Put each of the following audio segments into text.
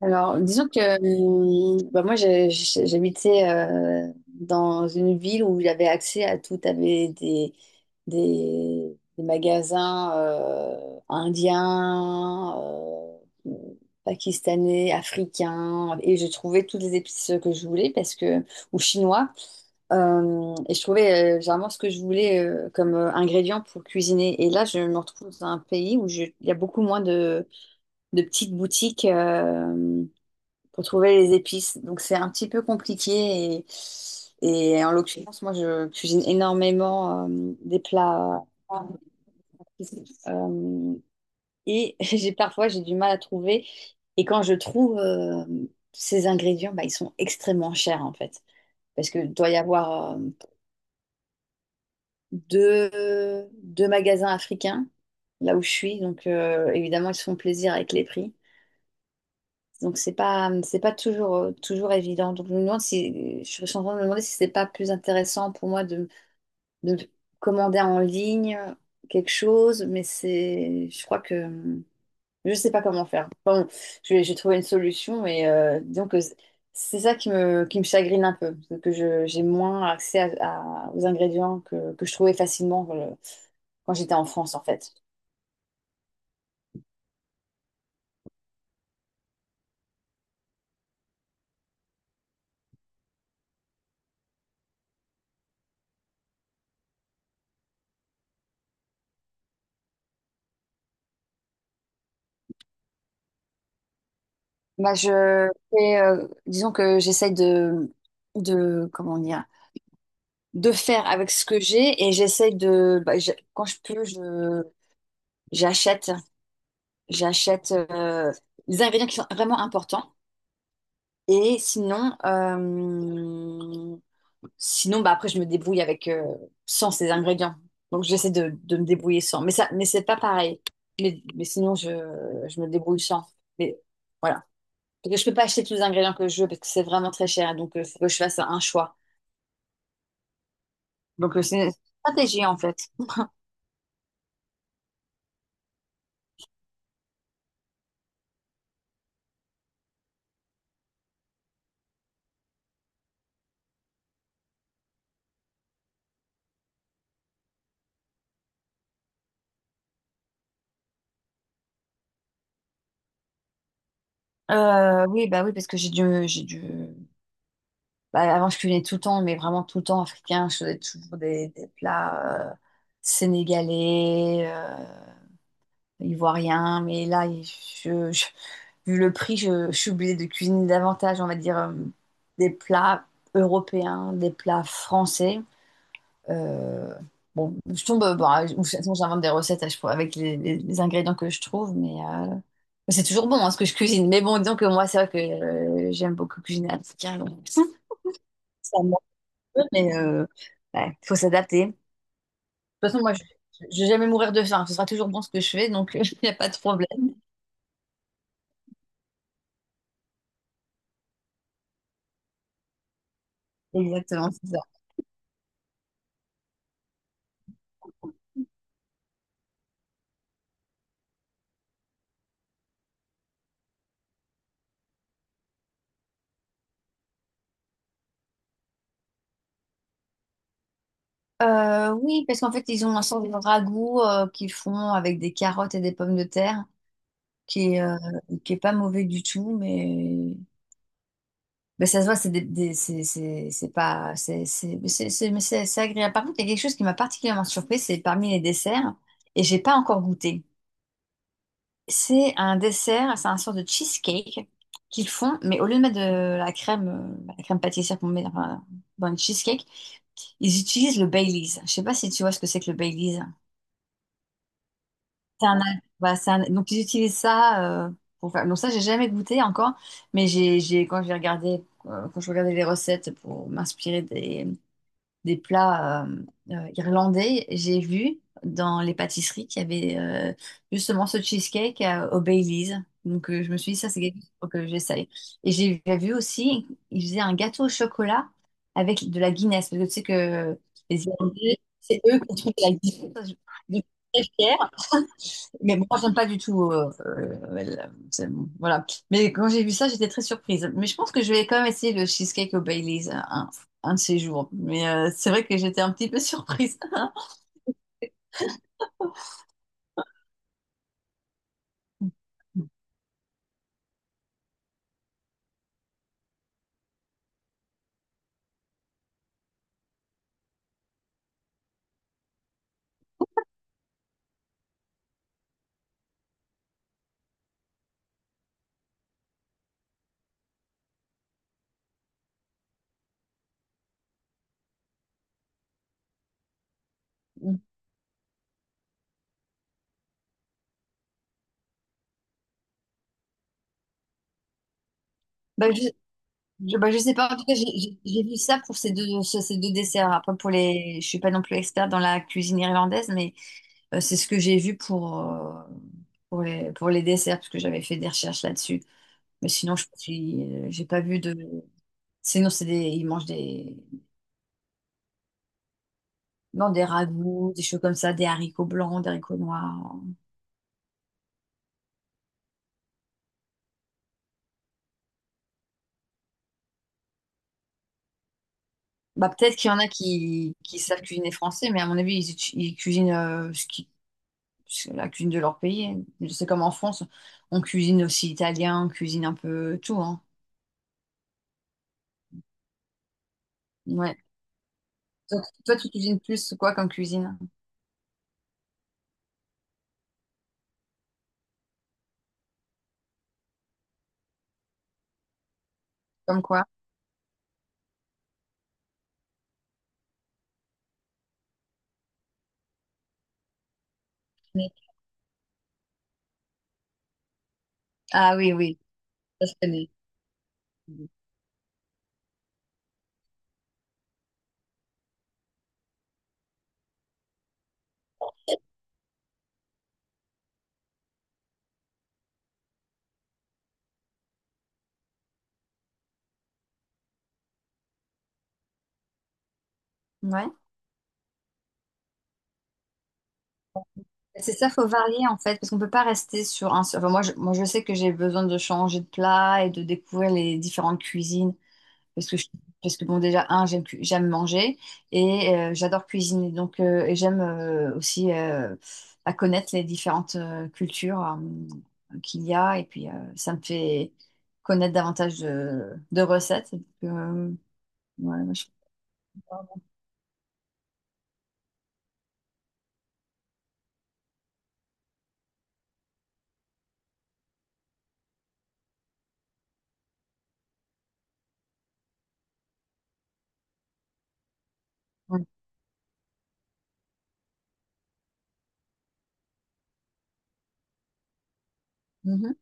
Alors, disons que moi, j'habitais dans une ville où j'avais accès à tout. T'avais des magasins indiens, pakistanais, africains, et je trouvais toutes les épices que je voulais parce que, ou chinois. Et je trouvais généralement ce que je voulais comme ingrédient pour cuisiner. Et là, je me retrouve dans un pays où il y a beaucoup moins de petites boutiques pour trouver les épices. Donc c'est un petit peu compliqué et en l'occurrence, moi je cuisine énormément des plats euh, et j'ai du mal à trouver et quand je trouve ces ingrédients, bah, ils sont extrêmement chers en fait parce que doit y avoir deux, deux magasins africains là où je suis donc évidemment ils se font plaisir avec les prix. Donc c'est pas toujours évident. Donc je me demande si je suis en train de me demander si c'est pas plus intéressant pour de commander en ligne quelque chose, mais c'est je crois que je sais pas comment faire. Enfin, bon, j'ai trouvé une solution, mais disons que c'est ça qui me chagrine un peu, c'est que je j'ai moins accès aux ingrédients que je trouvais facilement quand j'étais en France en fait. Bah, je fais, disons que j'essaye de, comment dire, de faire avec ce que j'ai et j'essaye de, bah, quand je peux, j'achète, j'achète des ingrédients qui sont vraiment importants. Et sinon, sinon, bah, après, je me débrouille avec, sans ces ingrédients. Donc, j'essaie de me débrouiller sans. Mais ça, mais c'est pas pareil. Mais sinon, je me débrouille sans. Mais voilà. Parce que je peux pas acheter tous les ingrédients que je veux parce que c'est vraiment très cher. Donc, il faut que je fasse un choix. Donc, c'est une stratégie, en fait. Oui, bah oui, parce que j'ai dû... bah, avant, je cuisinais tout le temps, mais vraiment tout le temps africain. Je faisais toujours des plats sénégalais, ivoiriens. Mais là, je- vu le prix, je suis obligée de cuisiner davantage, on va dire, des plats européens, des plats français. Euh, bon, je tombe, bon, ou sinon j'invente des recettes à chaque fois avec les ingrédients que je trouve, mais c'est toujours bon hein, ce que je cuisine. Mais bon, disons que moi, c'est vrai que j'aime beaucoup cuisiner à petit carré, donc, Ça me manque peu, mais ouais, faut s'adapter. De toute façon, moi, je vais jamais mourir de faim. Ce sera toujours bon ce que je fais, donc il n'y a pas de problème. Exactement, c'est ça. Oui, parce qu'en fait, ils ont un sort de ragoût qu'ils font avec des carottes et des pommes de terre, qui est, euh, qui est pas mauvais du tout, mais ça se voit, c'est pas. C'est agréable. Par contre, il y a quelque chose qui m'a particulièrement surpris, c'est parmi les desserts, et j'ai pas encore goûté. C'est un dessert, c'est un sort de cheesecake qu'ils font, mais au lieu de mettre de la crème pâtissière qu'on met enfin, dans une cheesecake, ils utilisent le Baileys. Je sais pas si tu vois ce que c'est que le Baileys. C'est un, voilà, donc ils utilisent ça pour faire. Donc ça, j'ai jamais goûté encore, mais j'ai quand j'ai regardé, quand je regardais les recettes pour m'inspirer des plats irlandais, j'ai vu dans les pâtisseries qu'il y avait justement ce cheesecake au Baileys. Donc je me suis dit, ça c'est quelque chose faut que j'essaye. Et j'ai vu aussi, ils faisaient un gâteau au chocolat avec de la Guinness, parce que tu sais que les Irlandais, c'est eux qui trouvent la Guinness. Je suis très fière. Mais moi, j'aime pas du tout. Bon, voilà. Mais quand j'ai vu ça, j'étais très surprise. Mais je pense que je vais quand même essayer le cheesecake au Baileys un de ces jours. Mais c'est vrai que j'étais un petit peu surprise. Bah, bah, je sais pas. En tout cas, j'ai vu ça pour ces deux desserts. Après, pour les, je suis pas non plus experte dans la cuisine irlandaise, mais c'est ce que j'ai vu pour, pour les desserts, parce que j'avais fait des recherches là-dessus. Mais sinon, je suis, j'ai pas vu de. Sinon, ils mangent des, non, des ragoûts, des choses comme ça, des haricots blancs, des haricots noirs. Bah, peut-être qu'il y en a qui savent cuisiner français, mais à mon avis, ils cuisinent ce qui, ce- la cuisine de leur pays. C'est comme en France, on cuisine aussi italien, on cuisine un peu tout, hein. Ouais. Toi, tu cuisines plus quoi comme cuisine? Comme quoi? Oui. Ah oui, oui, ça je connais. Ouais. C'est ça, faut varier en fait, parce qu'on peut pas rester sur un seul. Enfin, moi, je sais que j'ai besoin de changer de plat et de découvrir les différentes cuisines. Parce que, parce que bon, déjà, un, j'aime manger et j'adore cuisiner. Donc, et j'aime aussi à connaître les différentes cultures qu'il y a. Et puis, ça me fait connaître davantage de recettes. Donc, ouais, moi, je- Ouais. Mhm.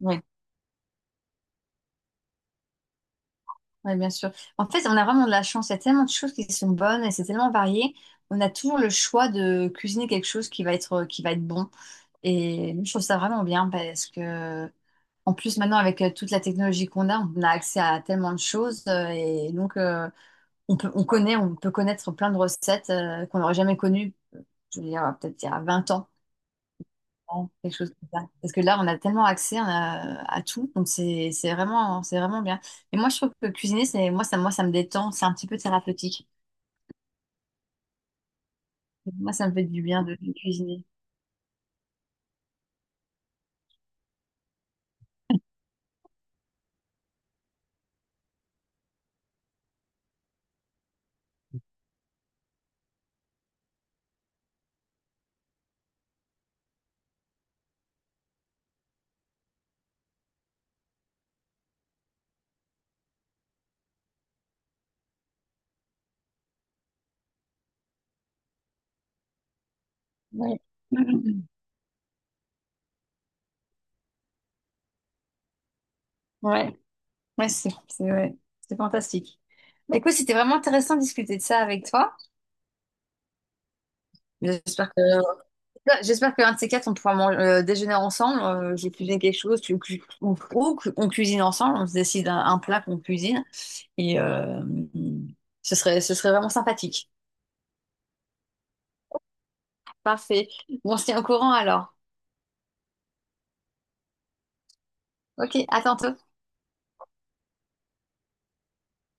Ouais. Oui, bien sûr. En fait, on a vraiment de la chance. Il y a tellement de choses qui sont bonnes et c'est tellement varié. On a toujours le choix de cuisiner quelque chose qui va être bon. Et je trouve ça vraiment bien parce que, en plus, maintenant, avec toute la technologie qu'on a, on a accès à tellement de choses. Et donc, on peut, on connaît, on peut connaître plein de recettes qu'on n'aurait jamais connues, je veux dire, peut-être il y a 20 ans ans, quelque chose comme ça. Parce que là, on a tellement à tout, donc c'est vraiment bien. Et moi, je trouve que cuisiner, moi, ça me détend, c'est un petit peu thérapeutique. Moi, ça me fait du bien de cuisiner. Ouais, ouais, ouais, c'est ouais, c'est fantastique. Bah, écoute, c'était vraiment intéressant de discuter de ça avec toi. J'espère que j'espère qu'un de ces quatre, on pourra déjeuner ensemble. J'ai cuisiné quelque chose, ou on cuisine ensemble, on se décide un plat qu'on cuisine. Et ce serait vraiment sympathique. Parfait. Bon, on se tient au courant alors. Ok, à tantôt